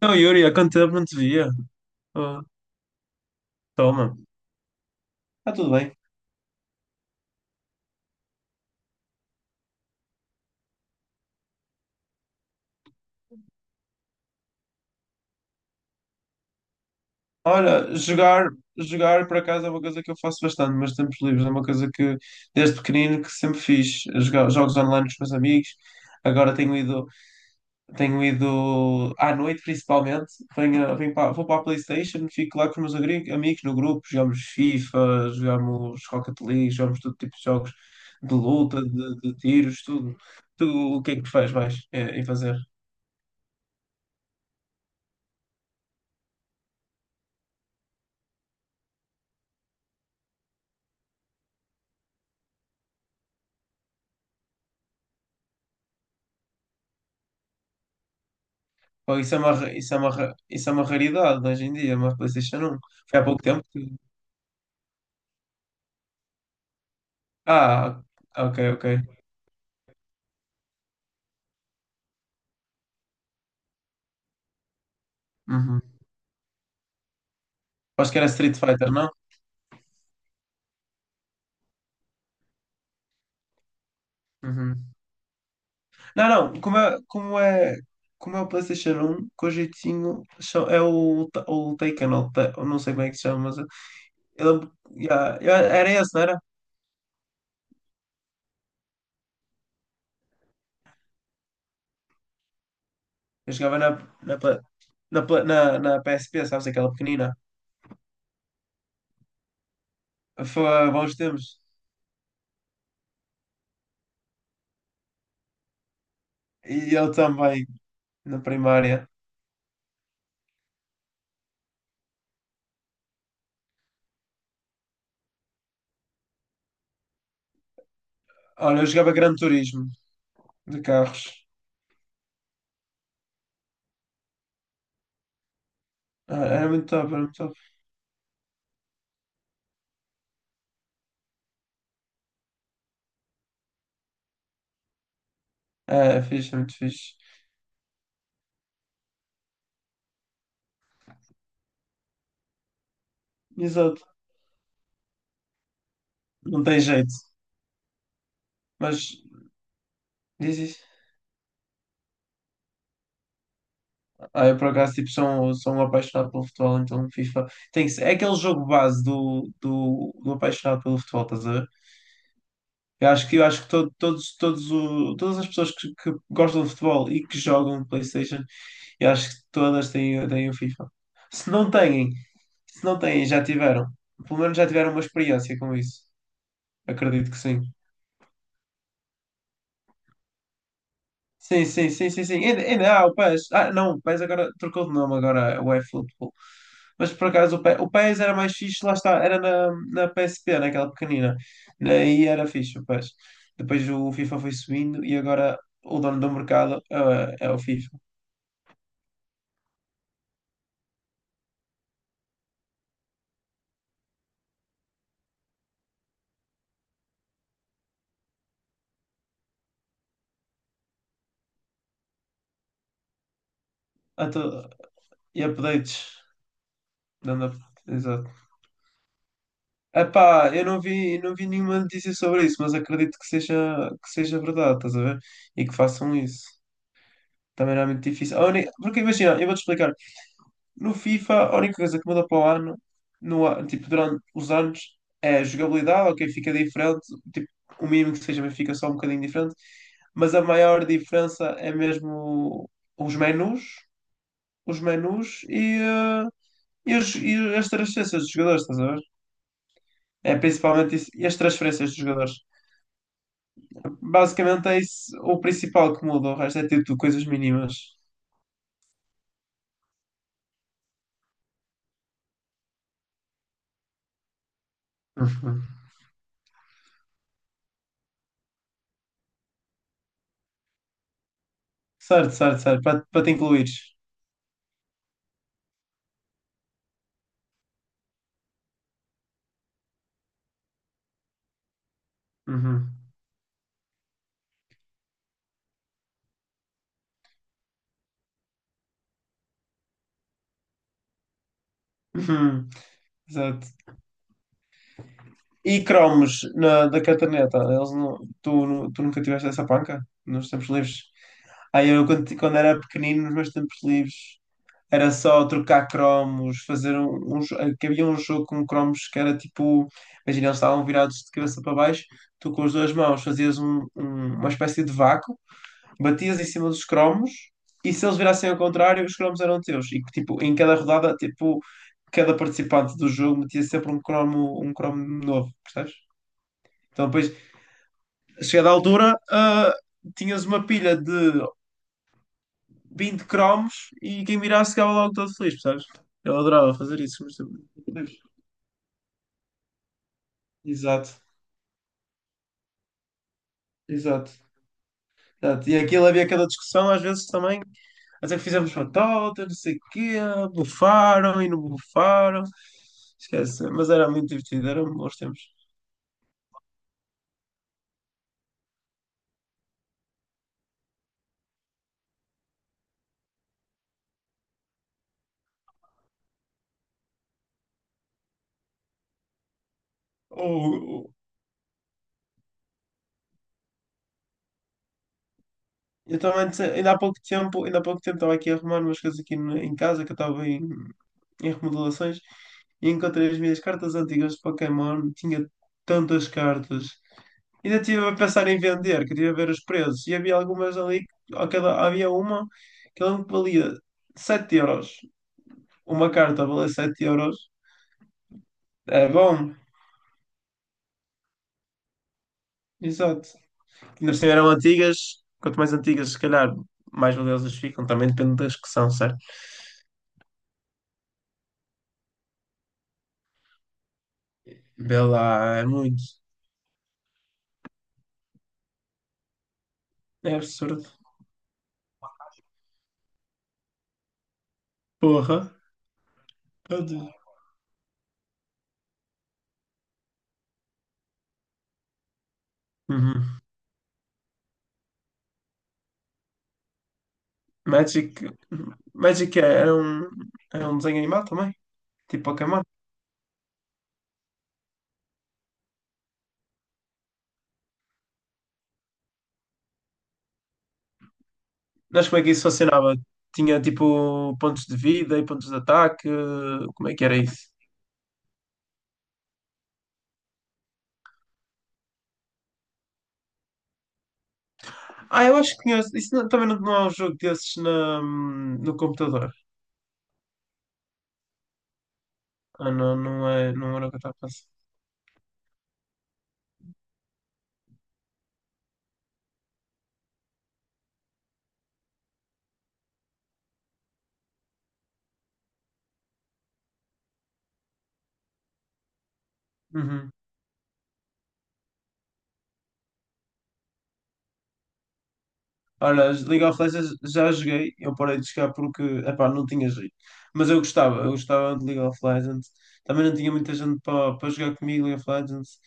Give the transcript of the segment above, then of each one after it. Não, Yuri, há quanto tempo não te via? Oh, toma. Está tudo bem. Olha, jogar por acaso é uma coisa que eu faço bastante, mas tempos livres é uma coisa que desde pequenino que sempre fiz. Jogos online com os meus amigos. Agora tenho ido à noite principalmente. Vou para a PlayStation, fico lá com os meus amigos no grupo, jogamos FIFA, jogamos Rocket League, jogamos todo tipo de jogos de luta, de tiros, tudo. Tu, o que é que tu fazes mais em fazer? Pô, isso é uma raridade hoje em dia, uma PlayStation 1. Foi há pouco tempo que. Ah, ok, ok. Uhum. Acho que era Street Fighter, não? Uhum. Não, não, como é o PlayStation 1, com o jeitinho, é o, o Taken, ou eu não sei como é que se chama, mas ele, yeah, era esse, não era? Eu jogava na, pla- na PSP, sabes, aquela pequenina. Foi há bons tempos. E eu também, na primária. Olha, eu jogava Gran Turismo, de carros. Ah, era muito top, era muito top. É, fixe, é muito fixe. Exato, não tem jeito. Mas diz isso. Ah, eu por acaso tipo, sou um apaixonado pelo futebol, então FIFA tem que ser. É aquele jogo base do apaixonado pelo futebol, estás a ver? Eu acho que todos, todas as pessoas que gostam de futebol e que jogam PlayStation, eu acho que todas têm o FIFA. Se não têm, se não têm, já tiveram. Pelo menos já tiveram uma experiência com isso. Acredito que sim. Sim, sim, sim, sim, sim. Ainda há o PES. Ah, não, o PES agora trocou de nome agora, é o eFootball. Mas por acaso o PES era mais fixe, lá está, era na PSP, naquela pequenina. Aí era fixe o PES. Depois o FIFA foi subindo e agora o dono do mercado é o FIFA. Ah, tô- E updates. Dando up- Exato. Epá, eu não vi nenhuma notícia sobre isso, mas acredito que seja verdade, estás a ver? E que façam isso. Também não é muito difícil. Porque imagina, eu vou-te explicar. No FIFA, a única coisa que muda para o ano, no, a- tipo, durante os anos, é a jogabilidade, ok, fica diferente, tipo, o mínimo que seja, mas fica só um bocadinho diferente, mas a maior diferença é mesmo os menus, os menus e e as transferências dos jogadores, estás a ver? É principalmente isso, e as transferências dos jogadores. Basicamente é isso o principal que muda, o resto é tipo coisas mínimas. Uhum. Certo, certo, certo, para te incluires. Uhum. Uhum. Exato. E cromos na, da cartaneta. Eles não, tu, nu- tu nunca tiveste essa panca nos tempos livres? Aí eu, quando era pequenino, nos meus tempos livres, era só trocar cromos, fazer um, que havia um jogo com cromos que era tipo, imagina, eles estavam virados de cabeça para baixo, tu com as duas mãos fazias uma espécie de vácuo, batias em cima dos cromos, e se eles virassem ao contrário, os cromos eram teus. E tipo, em cada rodada, tipo, cada participante do jogo metia sempre um cromo novo, percebes? Então, depois, chegada à altura, tinhas uma pilha de 20 cromos e quem mirasse ficava logo todo feliz, percebes? Eu adorava fazer isso, mas Deus. Exato, exato, exato. E aquilo havia aquela discussão, às vezes também, até que fizemos batota, não sei o quê, bufaram e não bufaram. Esquece, mas era muito divertido, eram bons tempos. O, Eu também. Ainda há pouco tempo estava aqui a arrumar umas coisas aqui em casa, que eu estava em remodelações, e encontrei as minhas cartas antigas de Pokémon, tinha tantas cartas. Ainda estive a pensar em vender, queria ver os preços, e havia algumas ali, havia uma que ela me valia 7 euros. Uma carta valia 7 euros. É bom, exato. Ainda se eram antigas, quanto mais antigas, se calhar, mais valiosas ficam, também depende das que são, certo? Vê lá, é muito. É absurdo. Porra. Meu Deus. Uhum. Magic. Magic é- era um, era um desenho animado também. Tipo Pokémon. Mas como é que isso funcionava? Tinha tipo pontos de vida e pontos de ataque. Como é que era isso? Ah, eu acho que tinha. Isso não- também não, não é um jogo desses no computador. Ah, não, não é, não era o que eu estava a pensar. Uhum. Olha, League of Legends já joguei, eu parei de jogar porque, epá, não tinha jeito. Mas eu gostava de League of Legends. Também não tinha muita gente para jogar comigo League of Legends.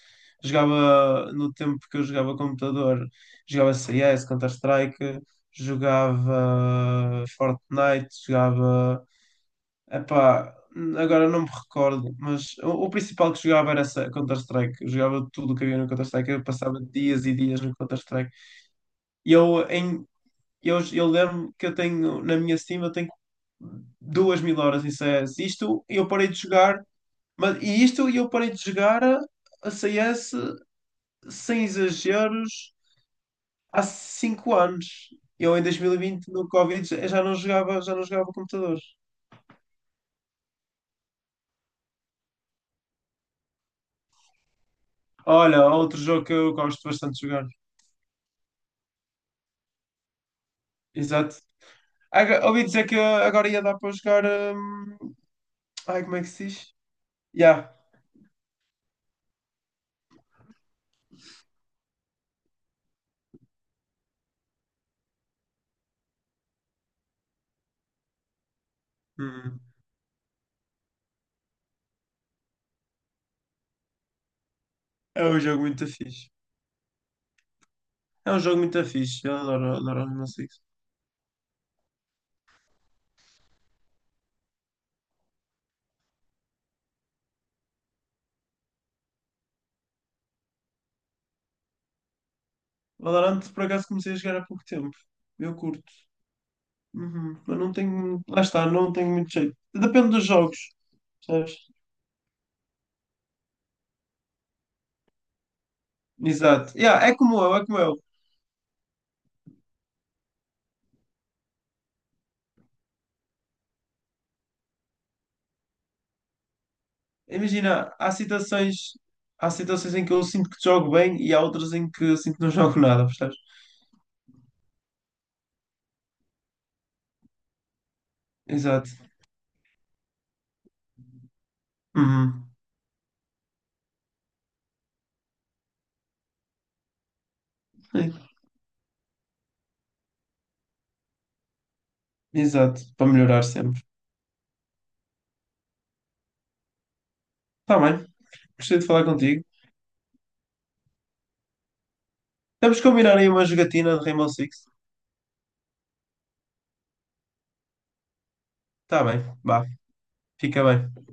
Jogava no tempo que eu jogava computador, jogava CS, Counter-Strike, jogava Fortnite, jogava, epá, agora não me recordo, mas o principal que jogava era Counter-Strike. Eu jogava tudo o que havia no Counter-Strike, eu passava dias e dias no Counter-Strike. E eu em eu lembro que eu tenho, na minha Steam, eu tenho 2.000 horas em CS. Isto eu parei de jogar a CS sem exageros há 5 anos. Eu em 2020, no Covid, já não jogava, já não jogava, computadores. Olha, outro jogo que eu gosto bastante de jogar. Exato. Ouvi dizer que agora ia dar para jogar. hum, Ai, como é que se diz? Já. Hum. É um jogo muito fixe. É um jogo muito fixe. Eu adoro Rainbow Six. Valorant, por acaso, comecei a jogar há pouco tempo. Eu curto. Uhum. Mas não tenho. Lá está, não tenho muito jeito. Depende dos jogos, sabes? Exato. Yeah, é como eu. Imagina, há situações. Há situações em que eu sinto que jogo bem e há outras em que eu sinto que não jogo nada, percebes? Exato. Uhum. É, exato. Para melhorar sempre. Tá bem. Gostei de falar contigo. Temos que combinar aí uma jogatina de Rainbow Six. Tá bem. Vá. Fica bem.